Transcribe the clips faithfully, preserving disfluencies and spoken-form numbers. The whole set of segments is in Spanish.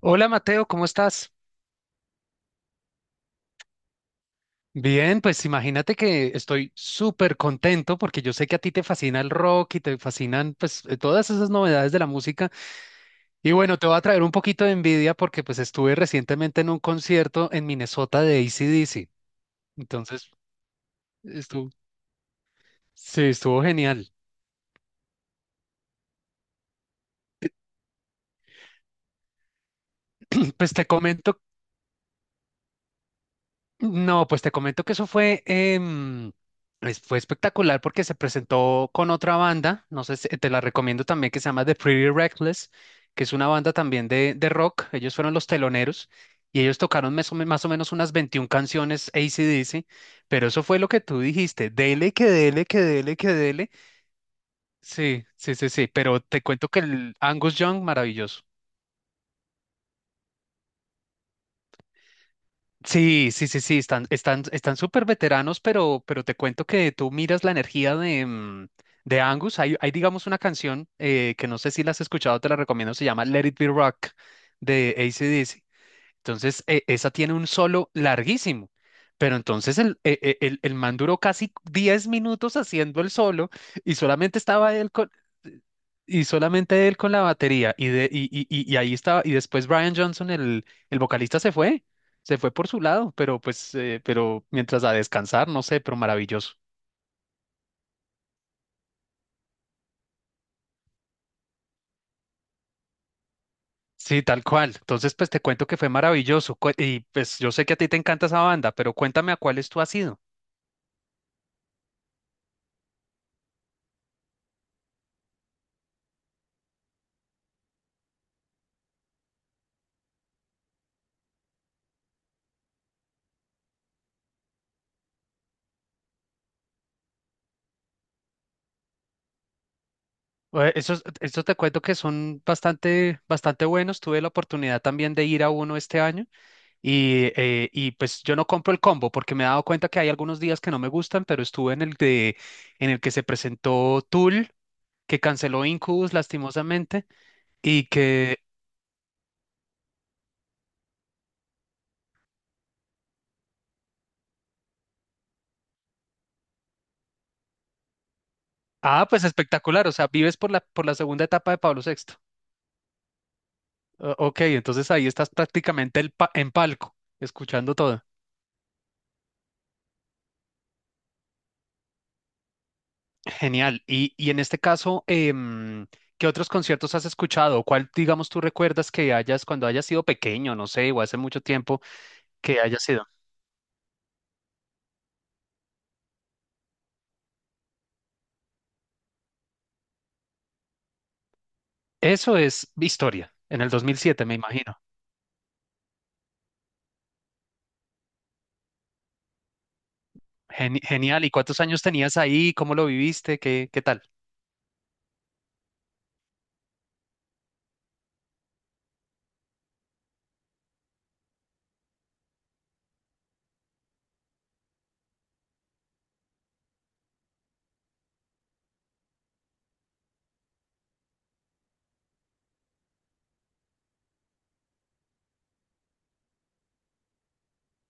Hola Mateo, ¿cómo estás? Bien, pues imagínate que estoy súper contento porque yo sé que a ti te fascina el rock y te fascinan pues eh, todas esas novedades de la música. Y bueno, te voy a traer un poquito de envidia porque pues estuve recientemente en un concierto en Minnesota de A C/D C. Entonces, estuvo, sí, estuvo genial. Pues te comento No, pues te comento que eso fue, em, es- fue espectacular porque se presentó con otra banda, no sé si- te la recomiendo también, que se llama The Pretty Reckless, que es una banda también de, de rock, ellos fueron los teloneros y ellos tocaron mes o me- más o menos unas veintiuna canciones A C/D C, pero eso fue lo que tú dijiste, dele, que dele, que dele, que dele. Sí, sí, sí, sí, pero te cuento que el Angus Young, maravilloso. Sí, sí, sí, sí, están, están, están súper veteranos, pero, pero te cuento que tú miras la energía de, mm, de Angus. Hay, hay, digamos, una canción eh, que no sé si la has escuchado, te la recomiendo, se llama Let It Be Rock de A C/D C. Entonces, e- esa tiene un solo larguísimo, pero entonces el, e- e- el, el man duró casi diez minutos haciendo el solo y solamente estaba él y solamente él con la batería. Y, de, y, y, y y ahí estaba. Y después Brian Johnson, el, el vocalista, se fue. Se fue por su lado, pero pues, eh, pero mientras a descansar, no sé, pero maravilloso. Sí, tal cual. Entonces, pues te cuento que fue maravilloso. cu- Y pues yo sé que a ti te encanta esa banda, pero cuéntame a cuáles tú has ido. Eh, Esos, esos te cuento que son bastante, bastante buenos. Tuve la oportunidad también de ir a uno este año. Y, eh, y pues yo no compro el combo porque me he dado cuenta que hay algunos días que no me gustan, pero estuve en el de, en el que se presentó Tool, que canceló Incubus lastimosamente, y que, ah, pues espectacular, o sea, vives por la, por la segunda etapa de Pablo sexto. O- ok, entonces ahí estás prácticamente el pa- en palco, escuchando todo. Genial. Y, y en este caso, em, ¿qué otros conciertos has escuchado? ¿Cuál, digamos, tú recuerdas que hayas, cuando hayas sido pequeño, no sé, o hace mucho tiempo que hayas sido? Eso es historia, en el dos mil siete, me imagino. Geni- genial. ¿Y cuántos años tenías ahí? ¿Cómo lo viviste? ¿Qué, qué tal?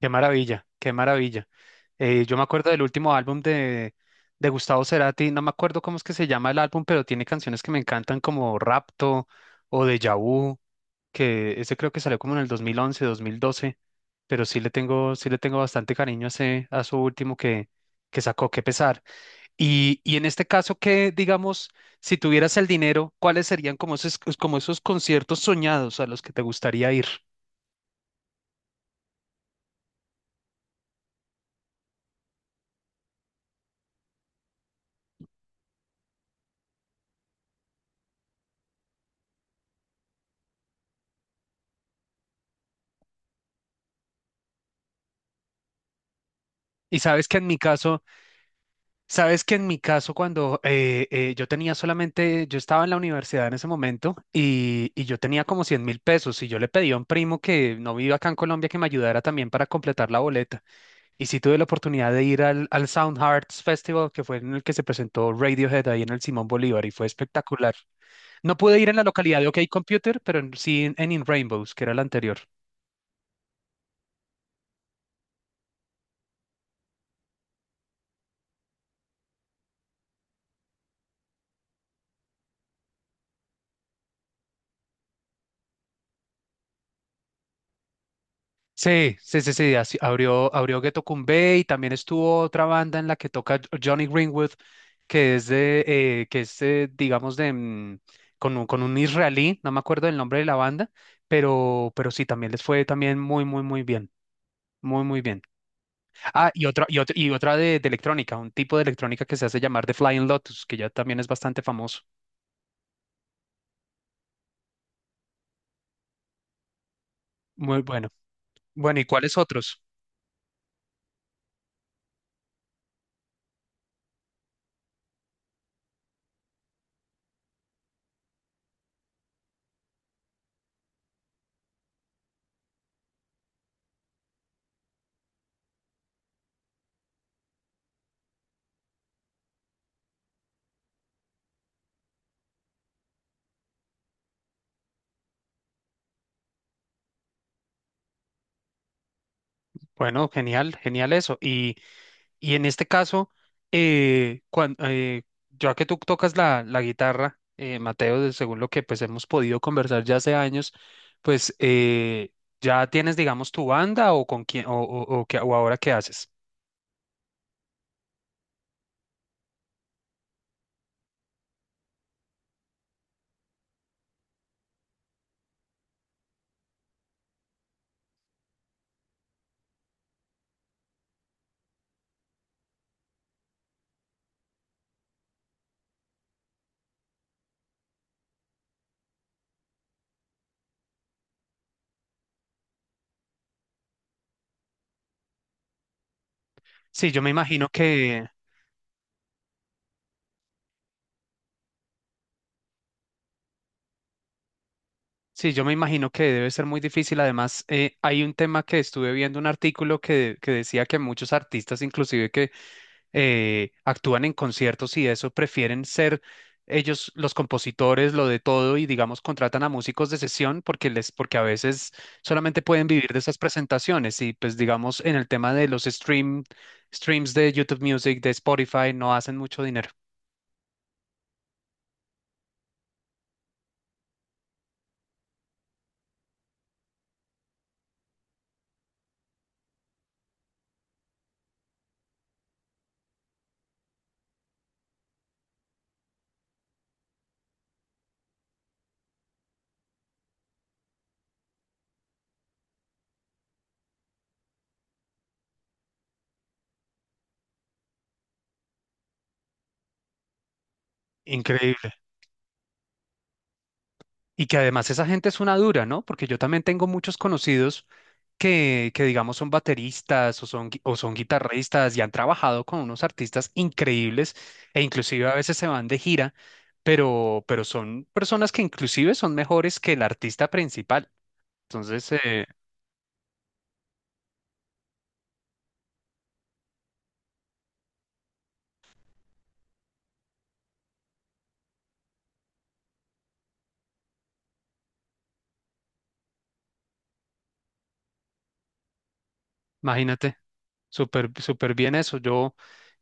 Qué maravilla, qué maravilla. Eh, yo me acuerdo del último álbum de, de Gustavo Cerati, no me acuerdo cómo es que se llama el álbum, pero tiene canciones que me encantan como Rapto o Deja Vu, que ese creo que salió como en el dos mil once, dos mil doce, pero sí le tengo, sí le tengo bastante cariño a, ese- a su último que, que sacó. Qué pesar. Y, y en este caso, que digamos, si tuvieras el dinero, ¿cuáles serían como esos, como esos conciertos soñados a los que te gustaría ir? Y sabes que en mi caso, sabes que en mi caso, cuando eh, eh, yo tenía solamente, yo estaba en la universidad en ese momento y, y yo tenía como cien mil pesos y yo le pedí a un primo que no vive acá en Colombia que me ayudara también para completar la boleta. Y sí tuve la oportunidad de ir al, al Sound Hearts Festival, que fue en el que se presentó Radiohead ahí en el Simón Bolívar y fue espectacular. No pude ir en la localidad de OK Computer, pero en- sí en, en In Rainbows, que era la anterior. Sí, sí, sí, sí, así- abrió, abrió Ghetto Kumbé y también estuvo otra banda en la que toca Jo- Johnny Greenwood, que es de, eh, que es, eh, digamos, de, mm, con, un- con un israelí, no me acuerdo del nombre de la banda, pero, pero sí, también les fue también muy, muy, muy bien, muy, muy bien. Ah, y otra, y otra, y otra de, de electrónica, un tipo de electrónica que se hace llamar The Flying Lotus, que ya también es bastante famoso. Muy bueno. Bueno, ¿y cuáles otros? Bueno, genial, genial eso. Y, y en este caso, eh, cuan- eh, ya que tú tocas la, la guitarra, eh, Mateo, de- según lo que pues hemos podido conversar ya hace años, pues eh, ya tienes, digamos, tu banda o con quién o, o, o qué- o ahora qué haces. Sí, yo me imagino que, sí, yo me imagino que debe ser muy difícil. Además, eh, hay un tema que estuve viendo un artículo que, que decía que muchos artistas, inclusive que eh, actúan en conciertos y eso, prefieren ser ellos los compositores, lo de todo, y digamos, contratan a músicos de sesión porque les, porque a veces solamente pueden vivir de esas presentaciones. Y pues digamos, en el tema de los stream, streams de YouTube Music, de Spotify, no hacen mucho dinero. Increíble. Y que además esa gente es una dura, ¿no? Porque yo también tengo muchos conocidos que, que digamos son bateristas o son, gui- o son guitarristas y han trabajado con unos artistas increíbles e inclusive a veces se van de gira, pero, pero son personas que inclusive son mejores que el artista principal. Entonces, eh, imagínate. Súper, súper bien eso. Yo,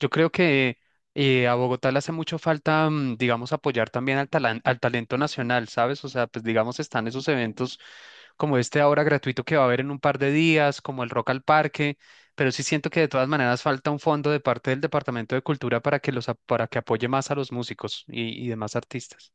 yo creo que eh, a Bogotá le hace mucho falta, mm, digamos, apoyar también al, talan- al talento nacional, ¿sabes? O sea, pues digamos, están esos eventos como este ahora gratuito que va a haber en un par de días, como el Rock al Parque, pero sí siento que de todas maneras falta un fondo de parte del Departamento de Cultura para que los, ap- para que apoye más a los músicos y, y demás artistas.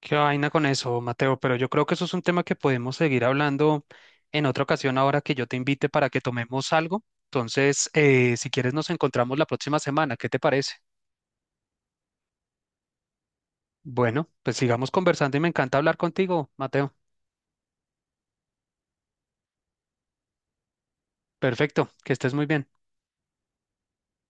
Qué vaina con eso, Mateo, pero yo creo que eso es un tema que podemos seguir hablando en otra ocasión ahora que yo te invite para que tomemos algo. Entonces, eh, si quieres, nos encontramos la próxima semana. ¿Qué te parece? Bueno, pues sigamos conversando y me encanta hablar contigo, Mateo. Perfecto, que estés muy bien.